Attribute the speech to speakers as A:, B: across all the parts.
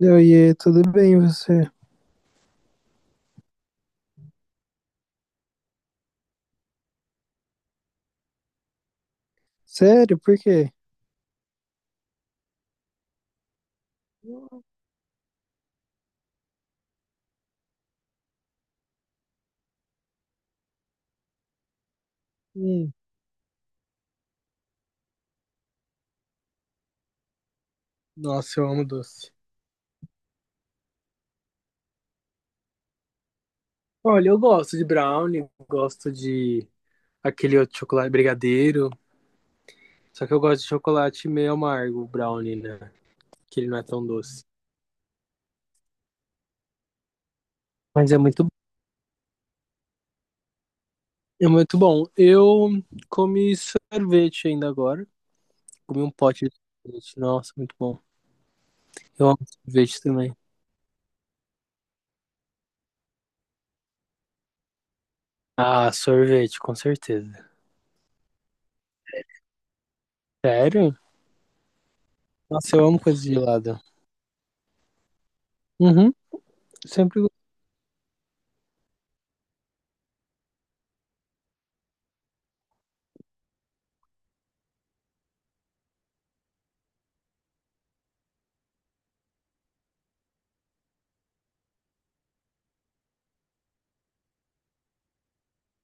A: Oiê, tudo bem e você? Sério, por quê? Hum, nossa, eu amo doce. Olha, eu gosto de brownie, gosto de aquele outro chocolate brigadeiro. Só que eu gosto de chocolate meio amargo, brownie, né? Que ele não é tão doce. Mas é muito... É muito bom. Eu comi sorvete ainda agora. Comi um pote de sorvete. Nossa, muito bom. Eu amo sorvete também. Ah, sorvete, com certeza. Sério? Nossa, eu amo coisa de gelada. Uhum, sempre.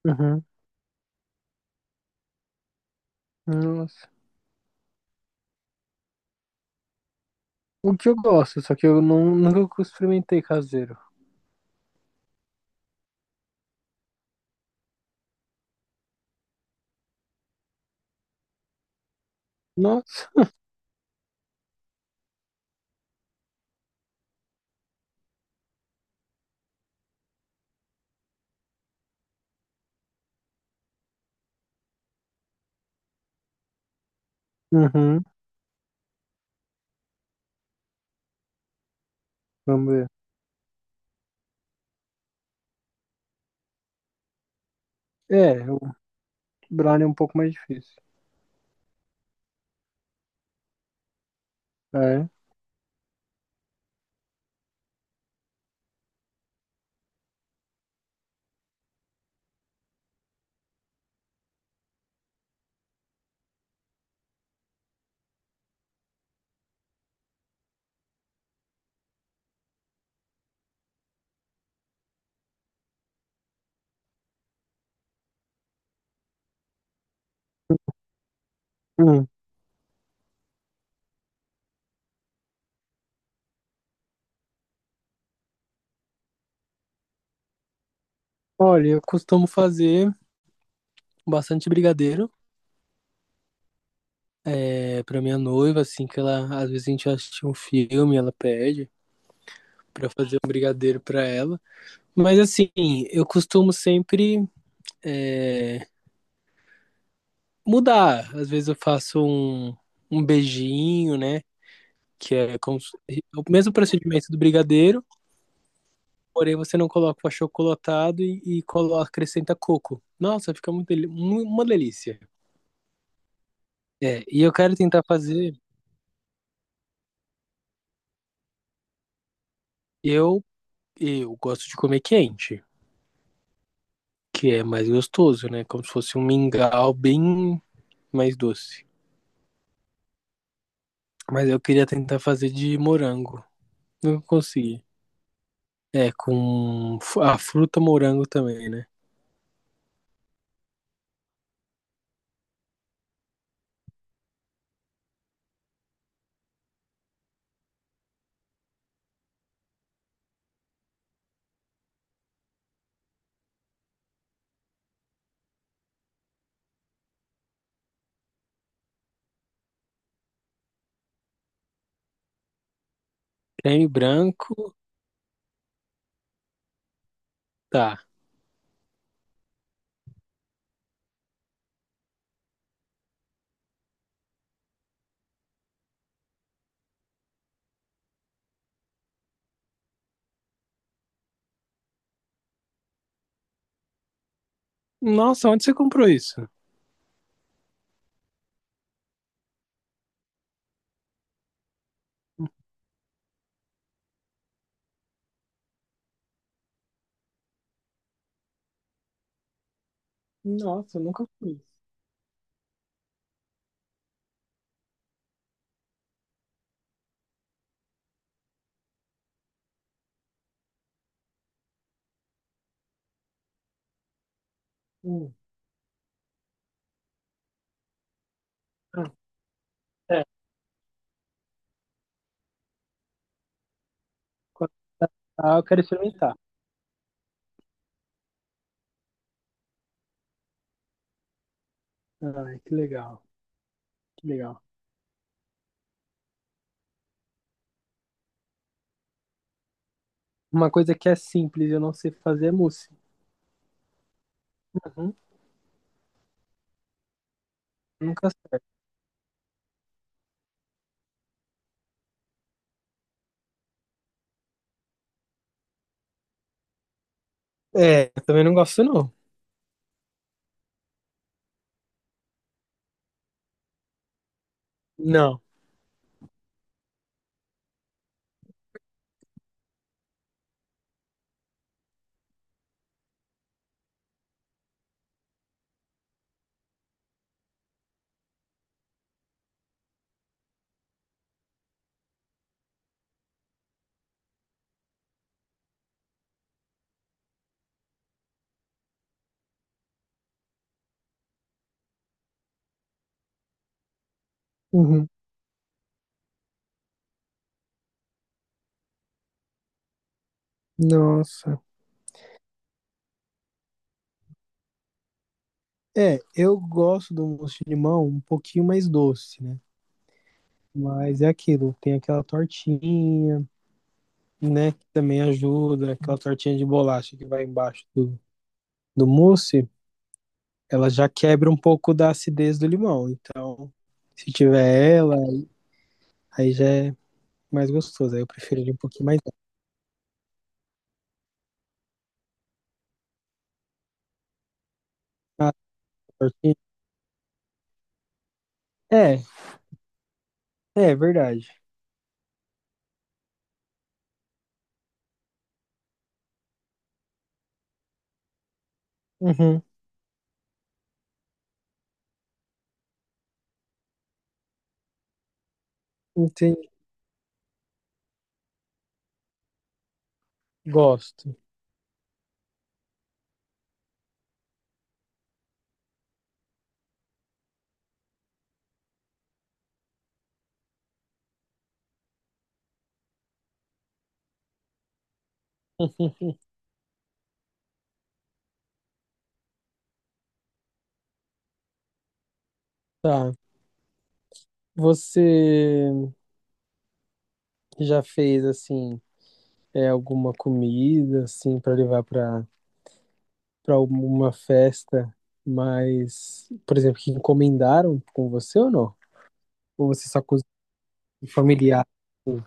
A: Uhum. Nossa. O que eu gosto, só que eu não, nunca experimentei caseiro. Nossa. Uhum. Vamos ver. É, o brownie é um pouco mais difícil. É. Hum. Olha, eu costumo fazer bastante brigadeiro. É, pra minha noiva, assim, que ela às vezes a gente assiste um filme, ela pede pra eu fazer um brigadeiro pra ela. Mas assim, eu costumo sempre é, mudar. Às vezes eu faço um beijinho, né? Que é como se- O mesmo procedimento do brigadeiro. Porém, você não coloca o achocolatado e coloca, acrescenta coco. Nossa, fica muito, uma delícia. É, e eu quero tentar fazer. Eu, eu gosto de comer quente, que é mais gostoso, né? Como se fosse um mingau bem mais doce. Mas eu queria tentar fazer de morango. Não consegui. É, com a fruta morango também, né? Creme branco, tá. Nossa, onde você comprou isso? Nossa, eu nunca fiz. Hum. Ah, é. Ah, eu quero experimentar. Ai, que legal, que legal. Uma coisa que é simples, eu não sei fazer é mousse. Uhum. Nunca acerto. É, eu também não gosto, não. Não. Uhum. Nossa. É, eu gosto do mousse de limão um pouquinho mais doce, né? Mas é aquilo, tem aquela tortinha, né? Que também ajuda, aquela tortinha de bolacha que vai embaixo do mousse, ela já quebra um pouco da acidez do limão. Então, se tiver ela, aí já é mais gostoso. Aí eu prefiro ele um pouquinho mais doce. Ah, tortinha. É, é verdade. Uhum, entendi. Gosto. Tá. Você já fez assim, alguma comida assim para levar para alguma festa, mas, por exemplo, que encomendaram com você ou não? Ou você só cozinha familiar? Assim?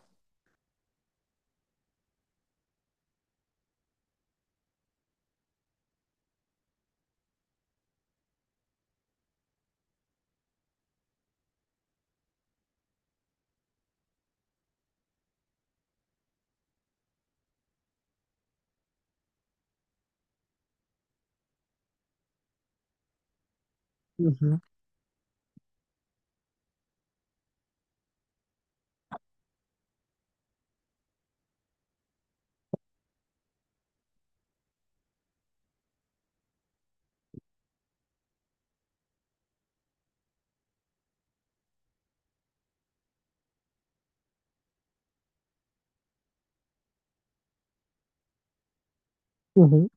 A: Uhum, uhum.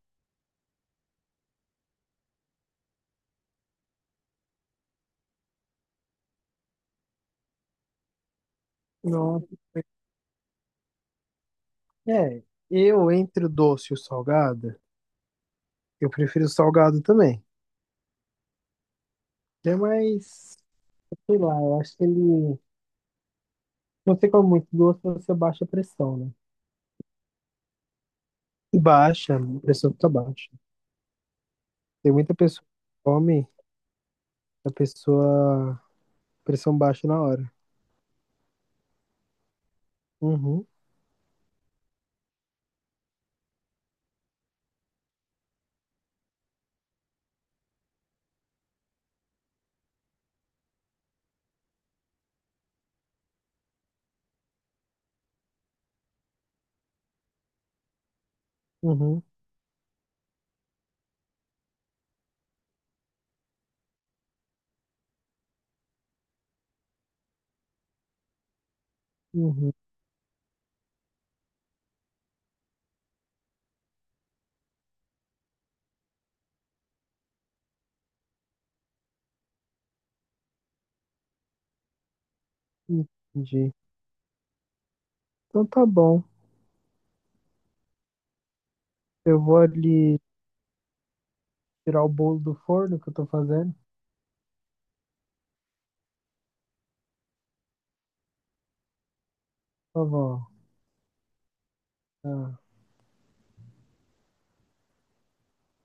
A: Nossa. É, eu entre o doce e o salgado, eu prefiro o salgado também. É mais, sei lá, eu acho que ele... Você come muito doce, você baixa a pressão, né? E baixa, a pressão fica baixa. Tem muita pessoa que come, a pessoa, pressão baixa na hora. Uhum, uhum, uhum, entendi. Então tá bom. Eu vou ali tirar o bolo do forno que eu tô fazendo. Por favor. Tá.